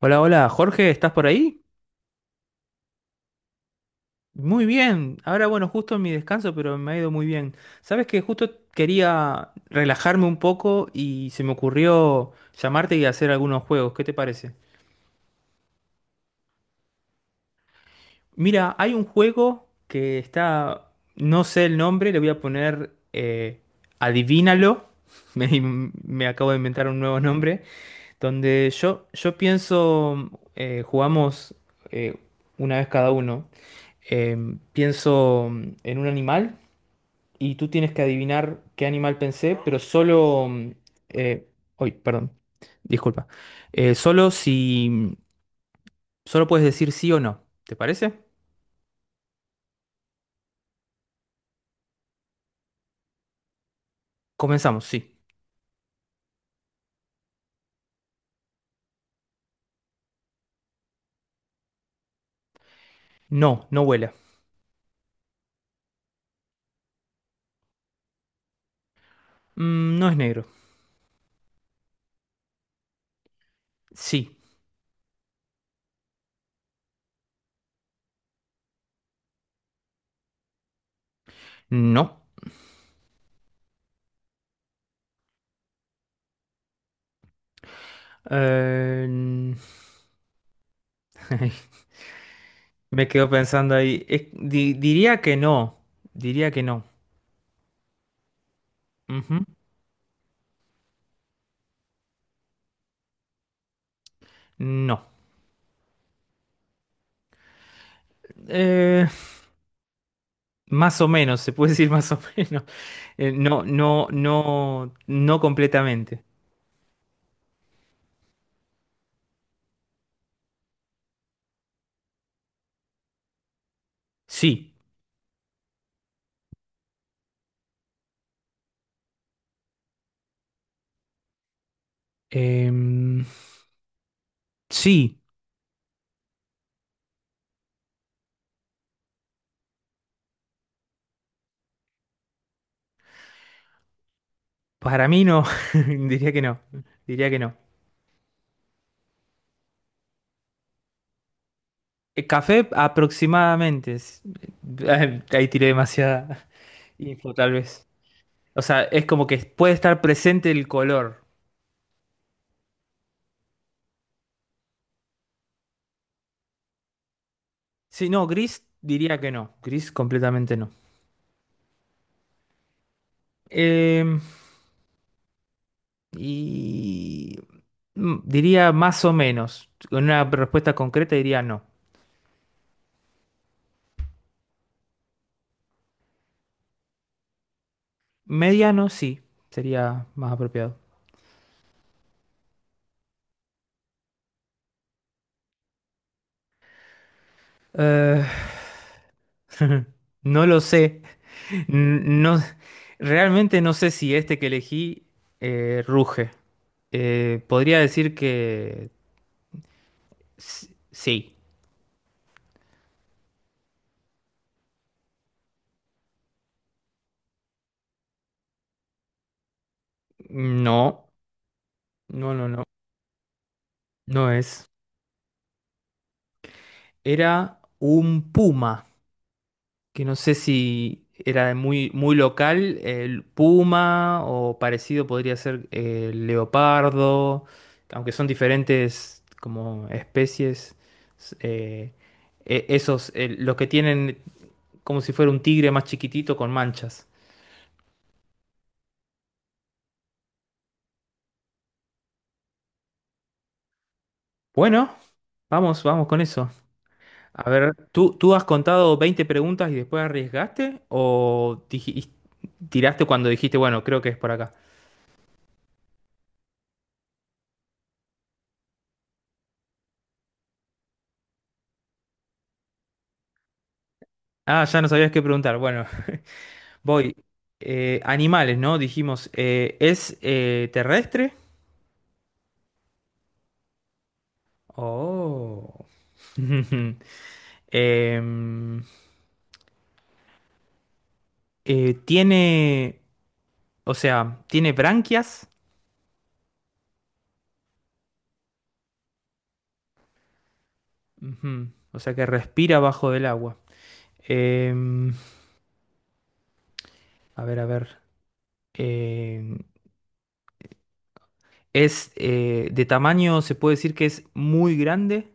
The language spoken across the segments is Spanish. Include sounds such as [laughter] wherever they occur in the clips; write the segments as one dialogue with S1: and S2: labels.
S1: Hola, hola, Jorge, ¿estás por ahí? Muy bien. Ahora, bueno, justo en mi descanso, pero me ha ido muy bien. Sabes que justo quería relajarme un poco y se me ocurrió llamarte y hacer algunos juegos. ¿Qué te parece? Mira, hay un juego que está, no sé el nombre, le voy a poner Adivínalo. [laughs] Me acabo de inventar un nuevo nombre, donde yo pienso, jugamos eh, una vez cada uno. Pienso en un animal y tú tienes que adivinar qué animal pensé, pero solo... eh, uy, perdón, disculpa. Solo si... mm, solo puedes decir sí o no, ¿te parece? Comenzamos, sí. No, no vuela. No es negro. Sí. No. Eh, n- [laughs] me quedo pensando ahí. Diría que no. Diría que no. Ujú. No. Eh, Más o menos, se puede decir más o [laughs] menos. No, no, no, no completamente. Sí. Em, sí, para mí no. [laughs] Diría que no. Diría que no. Café aproximadamente. [laughs] Ahí tiré demasiada [laughs] info, tal vez. O sea, es como que puede estar presente el color. Sí, no, gris diría que no. Gris completamente no. Em, y diría más o menos. Con una respuesta concreta diría no. Mediano, sí, sería más apropiado. Eh, [laughs] no lo sé. No, realmente no sé si este que elegí ruge. Podría decir que sí. No, no, no, no. No es. Era un puma, que no sé si era muy, muy local, el puma, o parecido podría ser el leopardo, aunque son diferentes como especies, s- eh, esos, los que tienen como si fuera un tigre más chiquitito con manchas. Bueno, vamos con eso. A ver, ¿tú has contado 20 preguntas y después arriesgaste tiraste cuando dijiste, bueno, creo que es por acá? Ah, ya no sabías qué preguntar. Bueno, voy. Animales, ¿no? Dijimos. ¿Es terrestre? Oh. [laughs] Em, Tiene. O sea, tiene branquias. Ujú. O sea que respira bajo del agua. Em, a ver, a ver. Em, es, de tamaño, se puede decir que es muy grande.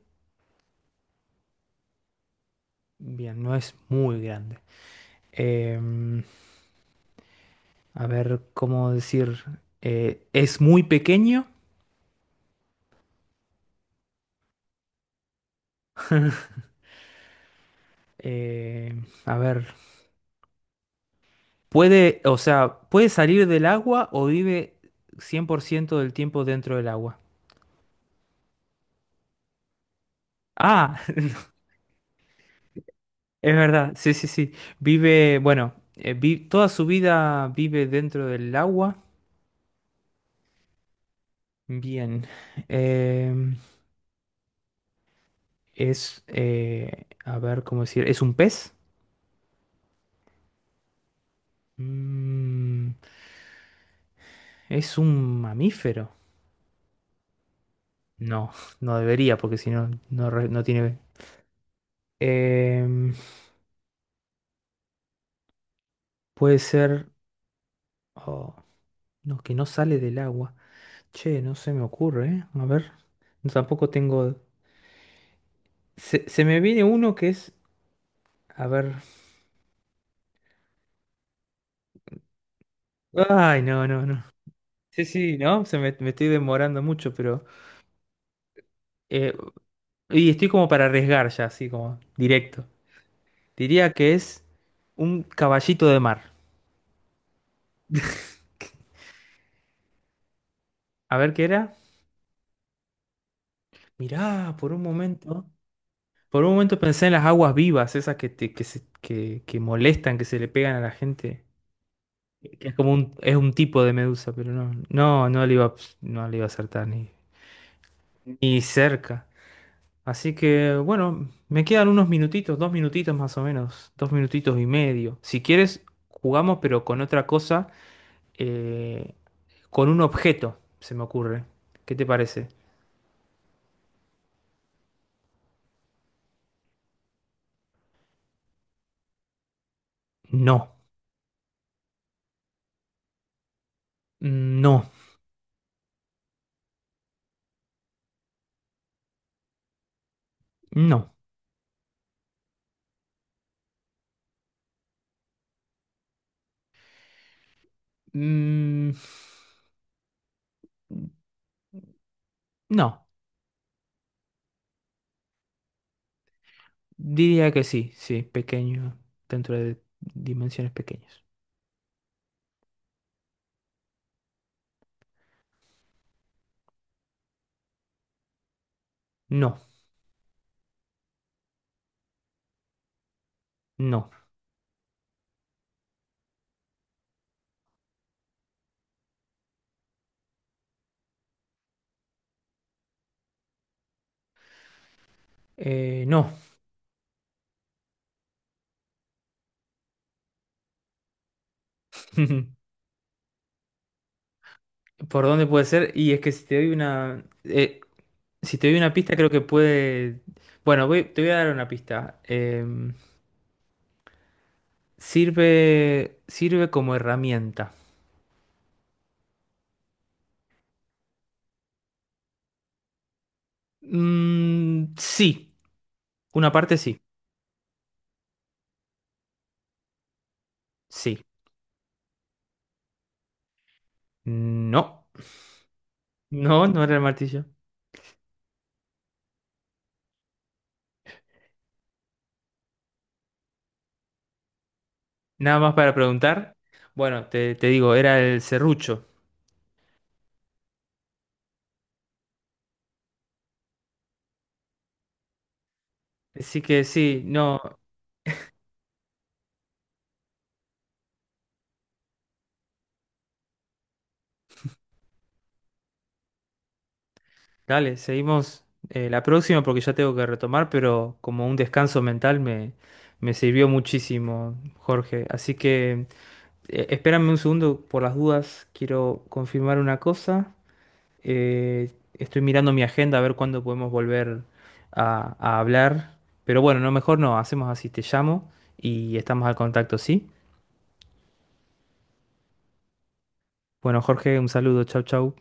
S1: Bien, no es muy grande. Em, a ver, ¿cómo decir? Es muy pequeño. Eh, a ver, puede, o sea, puede salir del agua o vive 100% del tiempo dentro del agua. Ah, [laughs] es verdad, sí, sí, sí. Vive, bueno, toda su vida vive dentro del agua. Bien. Em, es, a ver, ¿cómo decir? ¿Es un pez? Mm, ¿es un mamífero? No, no debería, porque si no, no tiene... Em, puede ser... oh, no, que no sale del agua. Che, no se me ocurre, ¿eh? A ver. No, tampoco tengo. Se me viene uno que es. A ver. Ay, no, no, no. Sí, sí, no. Me estoy demorando mucho, pero. eh, y estoy como para arriesgar ya, así como directo. Diría que es un caballito de mar. A ver qué era. Mirá, por un momento. Por un momento pensé en las aguas vivas, esas que molestan, que se le pegan a la gente. Es un tipo de medusa, pero no, no, no le iba a acertar ni, ni cerca. Así que bueno, me quedan unos minutitos, dos minutitos más o menos, dos minutitos y medio. Si quieres, jugamos, pero con otra cosa, eh, con un objeto, se me ocurre. ¿Qué te parece? No. Mm, no, no. Mm, no, diría que sí, sí, pequeño, dentro de dimensiones pequeñas. No, no, no. [laughs] ¿Por dónde puede ser? Y es que si te doy una. Si te doy una pista, creo que puede. Bueno, te voy a dar una pista. Sirve. Sirve como herramienta. Mm, sí. Una parte sí. Sí. No. No, no era el martillo. Nada más para preguntar. Bueno, te digo, era el serrucho. Así que sí, no. Dale, seguimos la próxima porque ya tengo que retomar, pero como un descanso mental me sirvió muchísimo, Jorge. Así que espérame un segundo por las dudas, quiero confirmar una cosa. Estoy mirando mi agenda a ver cuándo podemos volver a hablar. Pero bueno, no, mejor no, hacemos así, te llamo y estamos al contacto, ¿sí? Bueno, Jorge, un saludo, chau, chau.